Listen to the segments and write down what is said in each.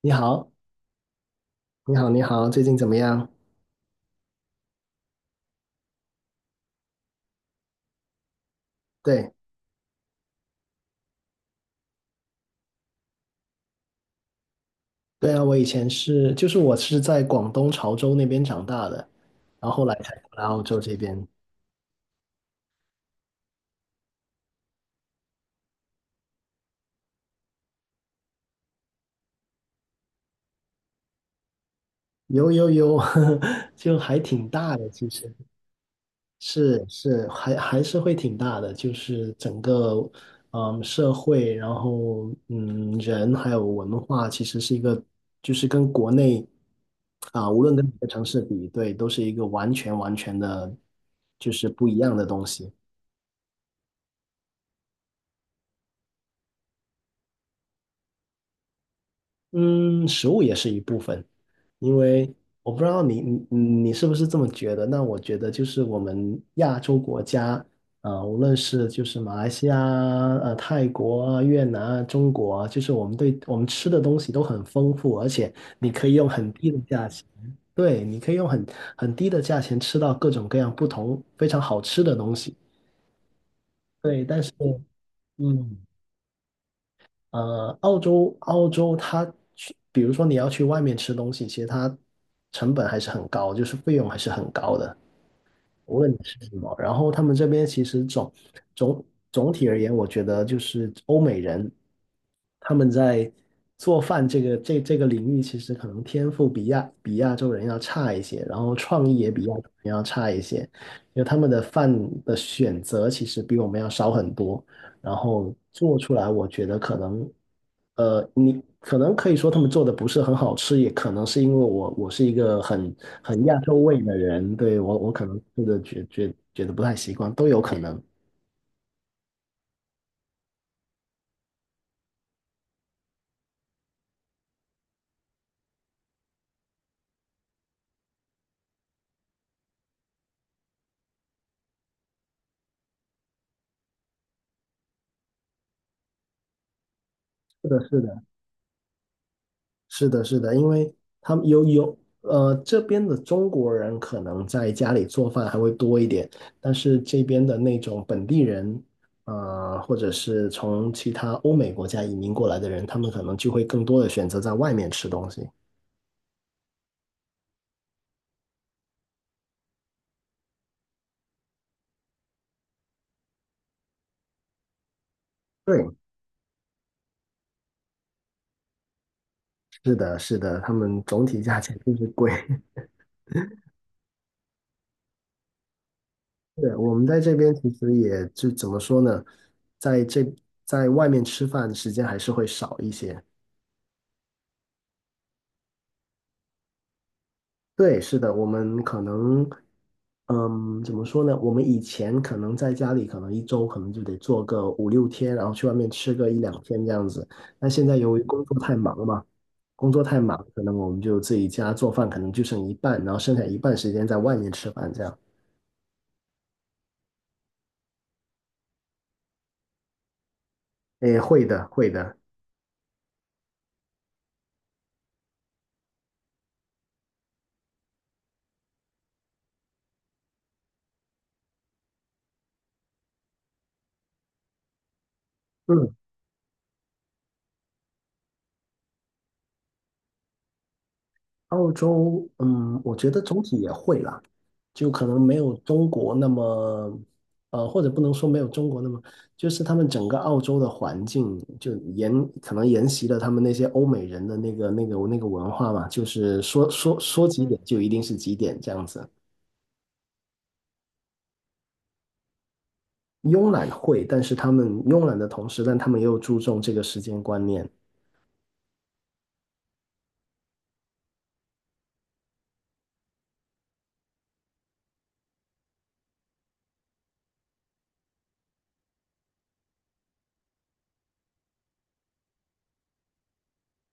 你好，你好，你好，最近怎么样？对，对啊，我以前是，就是我是在广东潮州那边长大的，然后后来才过来澳洲这边。有有有，就还挺大的，其实是是还是会挺大的，就是整个社会，然后人还有文化，其实是一个就是跟国内啊，无论跟哪个城市比，对，都是一个完全完全的，就是不一样的东西。嗯，食物也是一部分，因为我不知道你你是不是这么觉得？那我觉得就是我们亚洲国家，无论是就是马来西亚啊、泰国啊、越南啊、中国啊，就是我们对我们吃的东西都很丰富，而且你可以用很低的价钱，对，你可以用很低的价钱吃到各种各样不同非常好吃的东西。对，但是嗯。澳洲它去，比如说你要去外面吃东西，其实它成本还是很高，就是费用还是很高的，无论你吃什么。然后他们这边其实总总体而言，我觉得就是欧美人他们在做饭这个领域，其实可能天赋比亚洲人要差一些，然后创意也比亚洲人要差一些，因为他们的饭的选择其实比我们要少很多。然后做出来，我觉得可能，你可能可以说他们做的不是很好吃，也可能是因为我是一个很亚洲胃的人，对，我可能吃的觉得不太习惯，都有可能。是的，是的，是的，是的，因为他们有这边的中国人可能在家里做饭还会多一点，但是这边的那种本地人。或者是从其他欧美国家移民过来的人，他们可能就会更多的选择在外面吃东西。对，是的，是的，他们总体价钱就是贵。对，我们在这边其实也就怎么说呢，在这在外面吃饭时间还是会少一些。对，是的，我们可能，怎么说呢？我们以前可能在家里，可能一周可能就得做个五六天，然后去外面吃个一两天这样子。但现在由于工作太忙嘛，工作太忙，可能我们就自己家做饭，可能就剩一半，然后剩下一半时间在外面吃饭这样。诶，会的，会的。嗯，澳洲，我觉得总体也会啦，就可能没有中国那么，或者不能说没有中国那么，就是他们整个澳洲的环境可能沿袭了他们那些欧美人的那个文化嘛，就是说几点就一定是几点这样子。慵懒会，但是他们慵懒的同时，但他们又注重这个时间观念，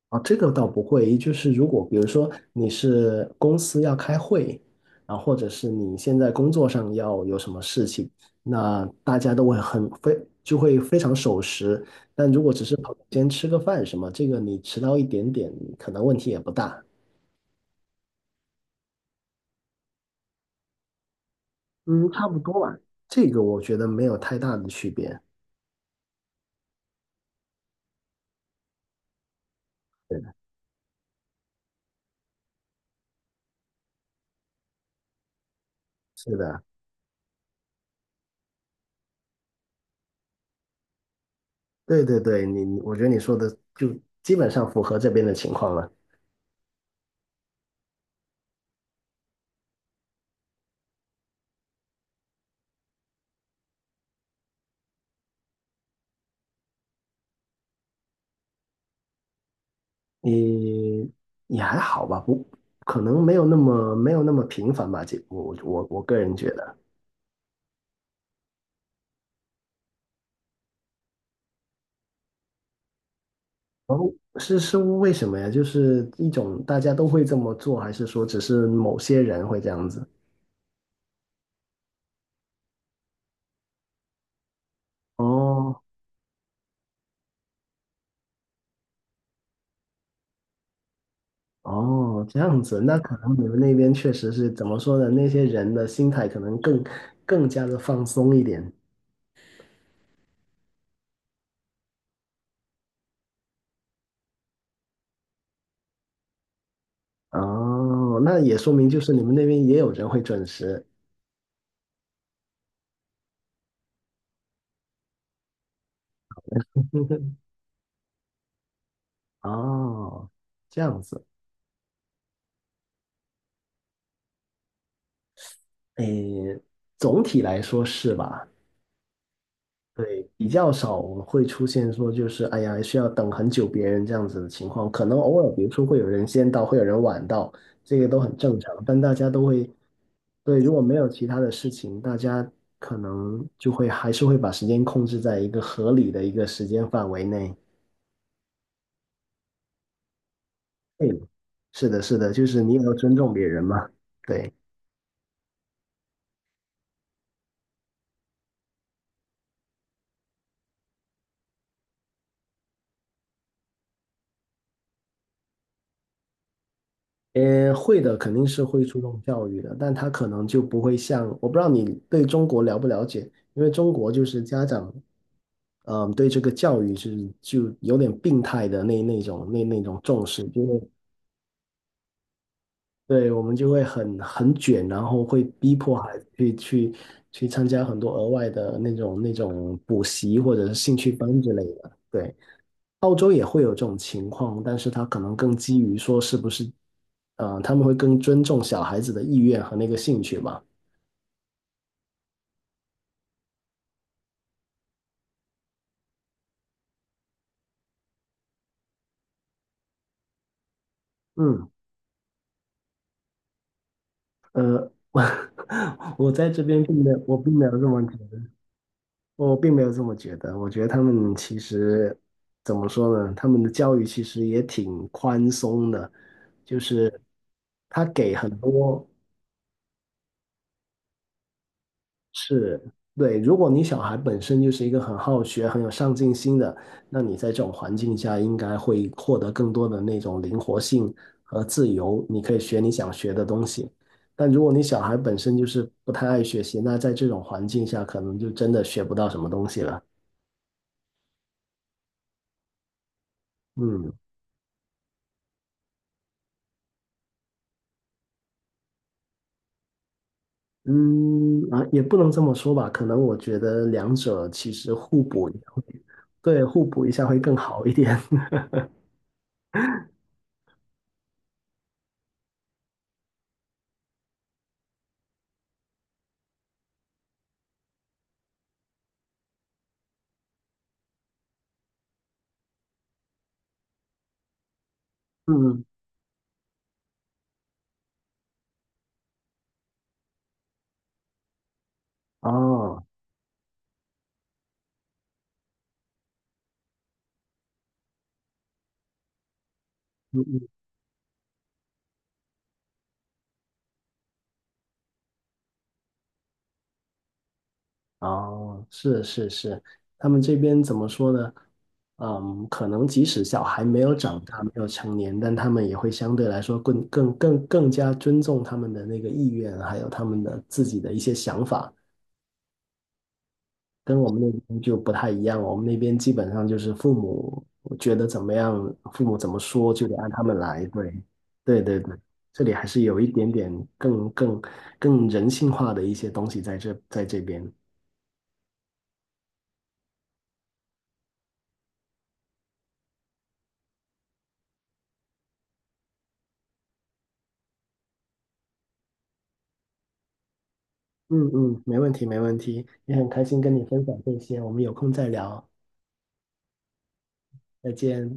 啊，这个倒不会，就是如果比如说你是公司要开会，啊，或者是你现在工作上要有什么事情，那大家都会很非就会非常守时。但如果只是跑先吃个饭什么，这个你迟到一点点，可能问题也不大。嗯，差不多吧，这个我觉得没有太大的区别。对的，是的，对对对，我觉得你说的就基本上符合这边的情况了。你也还好吧，不，可能没有那么频繁吧，这我个人觉得。然后是为什么呀？就是一种大家都会这么做，还是说只是某些人会这样子？哦哦，这样子，那可能你们那边确实是怎么说呢？那些人的心态可能更加的放松一点。哦，那也说明就是你们那边也有人会准时。哦，这样子，诶，总体来说是吧？对，比较少会出现说就是哎呀需要等很久别人这样子的情况，可能偶尔比如说会有人先到，会有人晚到，这个都很正常，但大家都会，对，如果没有其他的事情，大家可能就会还是会把时间控制在一个合理的一个时间范围内。对，是的，是的，就是你也要尊重别人嘛。对。会的，肯定是会注重教育的，但他可能就不会像，我不知道你对中国了不了解，因为中国就是家长，对这个教育是就有点病态的那种重视，对，我们就会很卷，然后会逼迫孩子去参加很多额外的那种补习或者是兴趣班之类的，对。澳洲也会有这种情况，但是他可能更基于说是不是，他们会更尊重小孩子的意愿和那个兴趣嘛？嗯，我 我在这边并没有，我并没有这么觉得，我并没有这么觉得。我觉得他们其实怎么说呢？他们的教育其实也挺宽松的，就是他给很多。是，对，如果你小孩本身就是一个很好学、很有上进心的，那你在这种环境下应该会获得更多的那种灵活性和自由，你可以学你想学的东西。但如果你小孩本身就是不太爱学习，那在这种环境下可能就真的学不到什么东西了。嗯嗯啊，也不能这么说吧，可能我觉得两者其实互补一下，对，互补一下会更好一点。嗯，哦。嗯哦，是是是，他们这边怎么说呢？可能即使小孩没有长大，没有成年，但他们也会相对来说更加尊重他们的那个意愿，还有他们的自己的一些想法，跟我们那边就不太一样。我们那边基本上就是父母觉得怎么样，父母怎么说就得按他们来。对，对对对，这里还是有一点点更更更人性化的一些东西在这边。嗯嗯，没问题没问题，也很开心跟你分享这些，我们有空再聊，再见。